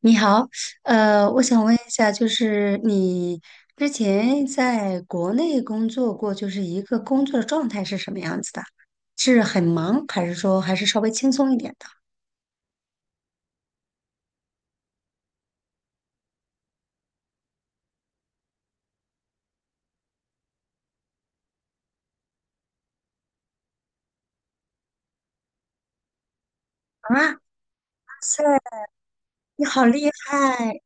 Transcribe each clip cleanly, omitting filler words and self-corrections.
你好，我想问一下，就是你之前在国内工作过，就是一个工作状态是什么样子的？是很忙，还是说还是稍微轻松一点的？啊，哇塞，你好厉害！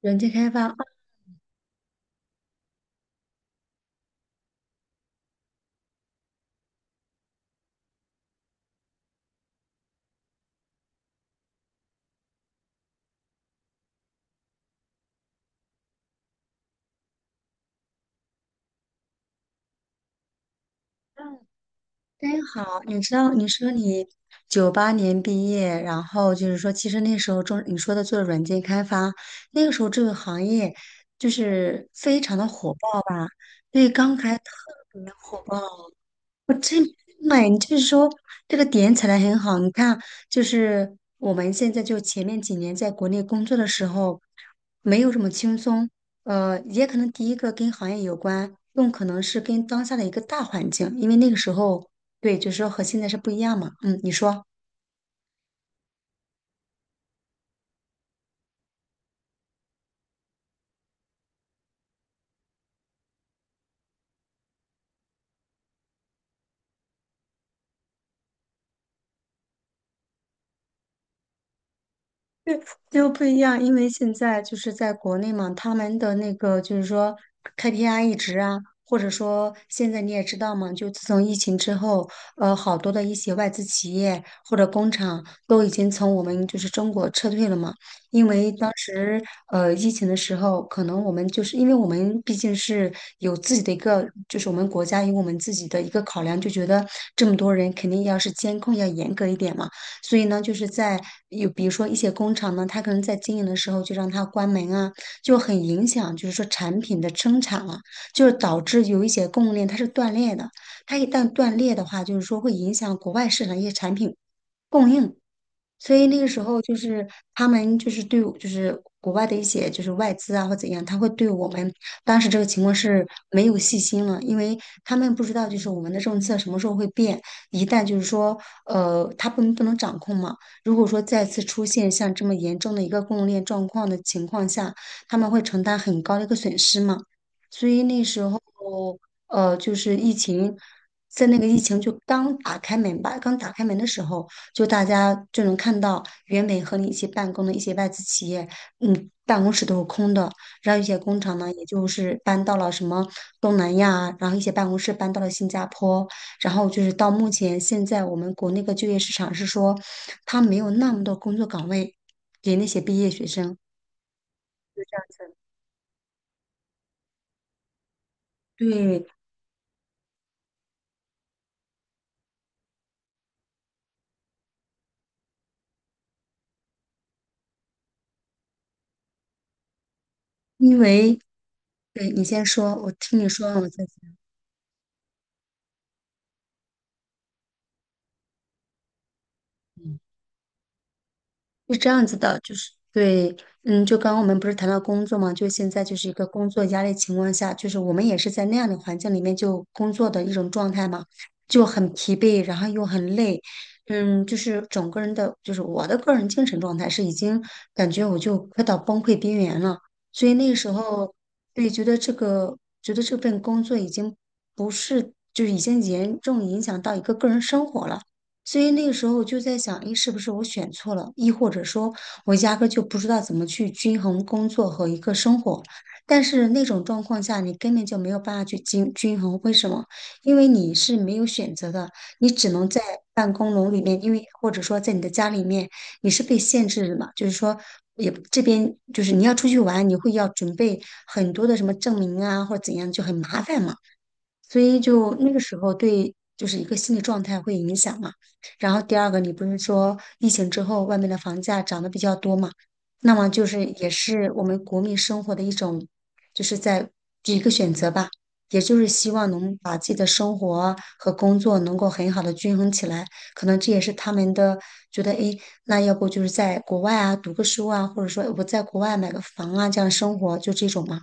软件开发啊，真好。你知道，你说你九八年毕业，然后就是说，其实那时候中你说的做软件开发，那个时候这个行业就是非常的火爆吧？对，刚开特别火爆。那你就是说这个点踩的很好。你看，就是我们现在就前面几年在国内工作的时候，没有这么轻松。也可能第一个跟行业有关，更可能是跟当下的一个大环境，因为那个时候，对，就是说和现在是不一样嘛。嗯，你说。就不一样，因为现在就是在国内嘛，他们的那个就是说 KPI 一直啊，或者说现在你也知道嘛，就自从疫情之后，好多的一些外资企业或者工厂都已经从我们就是中国撤退了嘛，因为当时疫情的时候，可能我们就是因为我们毕竟是有自己的一个，就是我们国家有我们自己的一个考量，就觉得这么多人肯定要是监控要严格一点嘛。所以呢，就是在有比如说一些工厂呢，它可能在经营的时候就让它关门啊，就很影响，就是说产品的生产了、就是导致有一些供应链它是断裂的。它一旦断裂的话，就是说会影响国外市场一些产品供应。所以那个时候就是他们就是对我就是国外的一些就是外资啊或怎样，他会对我们当时这个情况是没有信心了，因为他们不知道就是我们的政策什么时候会变，一旦就是说他不能掌控嘛，如果说再次出现像这么严重的一个供应链状况的情况下，他们会承担很高的一个损失嘛，所以那时候就是疫情。在那个疫情就刚打开门吧，刚打开门的时候，就大家就能看到原本和你一起办公的一些外资企业，办公室都是空的，然后一些工厂呢，也就是搬到了什么东南亚啊，然后一些办公室搬到了新加坡，然后就是到目前现在我们国内的就业市场是说，他没有那么多工作岗位给那些毕业学生，就这样子。对，因为对你先说，我听你说完我再讲是这样子的，就是对，就刚刚我们不是谈到工作嘛，就现在就是一个工作压力情况下，就是我们也是在那样的环境里面就工作的一种状态嘛，就很疲惫，然后又很累，就是整个人的，就是我的个人精神状态是已经感觉我就快到崩溃边缘了，所以那个时候，对，觉得这个，觉得这份工作已经不是，就是已经严重影响到一个个人生活了。所以那个时候我就在想，诶，是不是我选错了？亦或者说，我压根儿就不知道怎么去均衡工作和一个生活。但是那种状况下，你根本就没有办法去均衡。为什么？因为你是没有选择的，你只能在办公楼里面，因为或者说在你的家里面，你是被限制的嘛。就是说，也这边就是你要出去玩，你会要准备很多的什么证明啊，或者怎样，就很麻烦嘛。所以就那个时候对，就是一个心理状态会影响嘛。然后第二个，你不是说疫情之后外面的房价涨得比较多嘛？那么就是也是我们国民生活的一种，就是在一个选择吧，也就是希望能把自己的生活和工作能够很好的均衡起来。可能这也是他们的觉得，诶，那要不就是在国外啊读个书啊，或者说我在国外买个房啊，这样生活就这种嘛。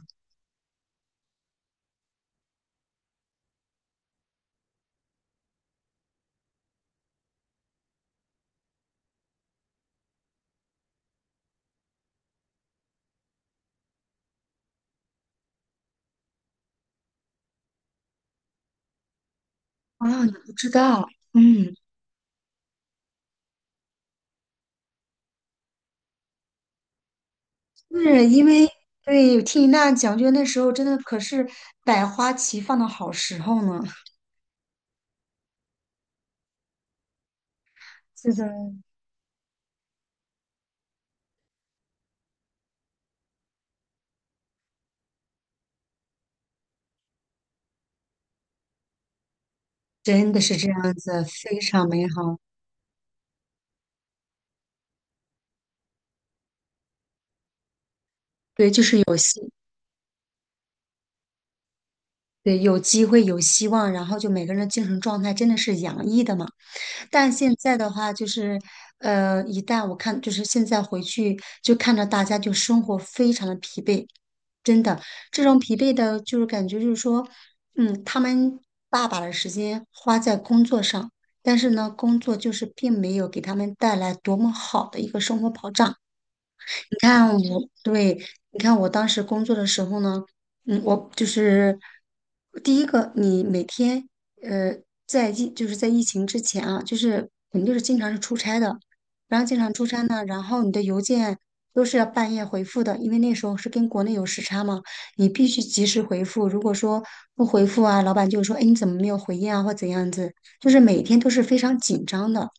啊，你不知道，嗯。是因为对，听你那样讲，就那时候真的可是百花齐放的好时候呢。是的，真的是这样子，非常美好。对，就是有希，对，有机会，有希望，然后就每个人的精神状态真的是洋溢的嘛。但现在的话，就是一旦我看，就是现在回去就看到大家就生活非常的疲惫，真的，这种疲惫的，就是感觉就是说，他们大把的时间花在工作上，但是呢，工作就是并没有给他们带来多么好的一个生活保障。你看我，对，你看我当时工作的时候呢，我就是第一个，你每天呃，就是在疫情之前啊，就是肯定就是经常是出差的，然后经常出差呢，然后你的邮件都是要半夜回复的，因为那时候是跟国内有时差嘛，你必须及时回复。如果说不回复啊，老板就说，哎，你怎么没有回应啊，或怎样子，就是每天都是非常紧张的。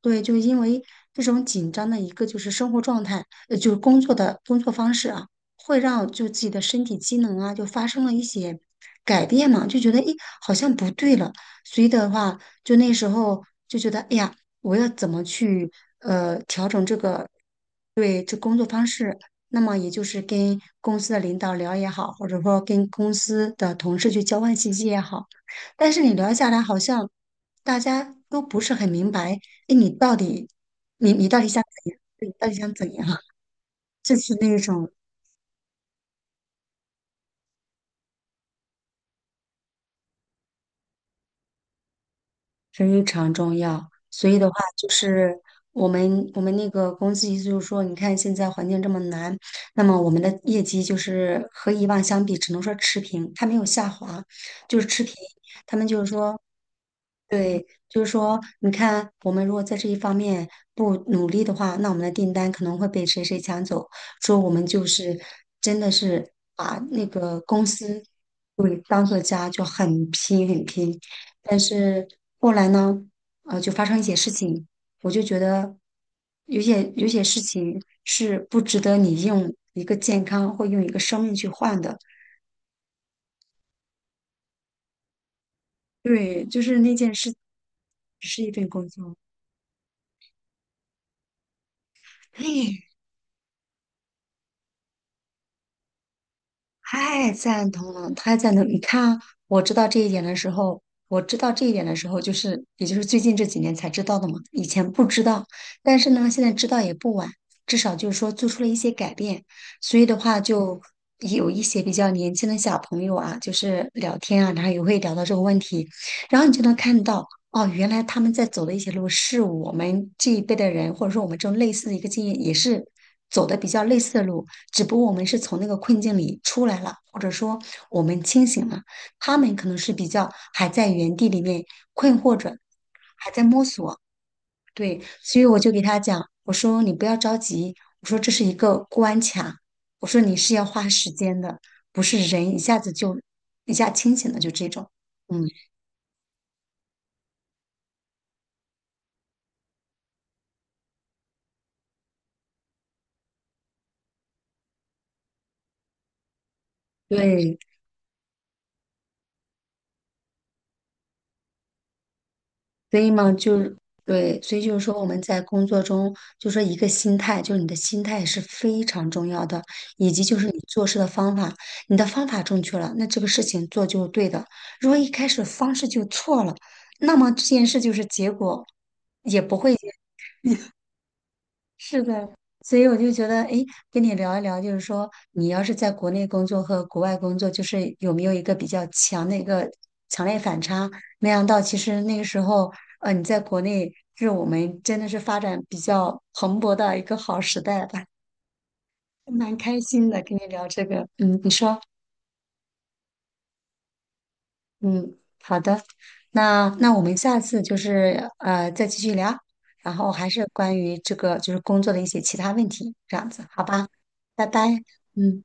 对，就因为这种紧张的一个就是生活状态，就是工作的工作方式啊，会让就自己的身体机能啊，就发生了一些改变嘛，就觉得诶，好像不对了。所以的话，就那时候就觉得，哎呀，我要怎么去调整这个那么也就是跟公司的领导聊也好，或者说跟公司的同事去交换信息也好，但是你聊下来，好像大家都不是很明白，哎，你到底，你到底想怎样？你到底想怎样啊？这是那种非常重要。所以的话，就是我们那个公司意思就是说，你看现在环境这么难，那么我们的业绩就是和以往相比，只能说持平，它没有下滑，就是持平。他们就是说，对，就是说，你看，我们如果在这一方面不努力的话，那我们的订单可能会被谁谁抢走。说我们就是真的是把那个公司对当做家，就很拼很拼。但是后来呢，就发生一些事情，我就觉得有些事情是不值得你用一个健康或用一个生命去换的。对，就是那件事，只是一份工作。太赞同了，太赞同！你看，我知道这一点的时候，我知道这一点的时候，就是也就是最近这几年才知道的嘛，以前不知道。但是呢，现在知道也不晚，至少就是说做出了一些改变。所以的话，就有一些比较年轻的小朋友啊，就是聊天啊，然后也会聊到这个问题，然后你就能看到。哦，原来他们在走的一些路是我们这一辈的人，或者说我们这种类似的一个经验，也是走的比较类似的路，只不过我们是从那个困境里出来了，或者说我们清醒了，他们可能是比较还在原地里面困惑着，还在摸索。对，所以我就给他讲，我说你不要着急，我说这是一个关卡，我说你是要花时间的，不是人一下子就一下清醒了，就这种，嗯，对，所以嘛，就是对，所以就是说我们在工作中，就说一个心态，就是你的心态是非常重要的，以及就是你做事的方法，你的方法正确了，那这个事情做就是对的。如果一开始方式就错了，那么这件事就是结果也不会。是的，所以我就觉得，哎，跟你聊一聊，就是说，你要是在国内工作和国外工作，就是有没有一个比较强的一个强烈反差？没想到，其实那个时候，你在国内是我们真的是发展比较蓬勃的一个好时代吧，蛮开心的，跟你聊这个。嗯，你说。嗯，好的，那我们下次就是再继续聊，然后还是关于这个就是工作的一些其他问题，这样子，好吧？拜拜，嗯。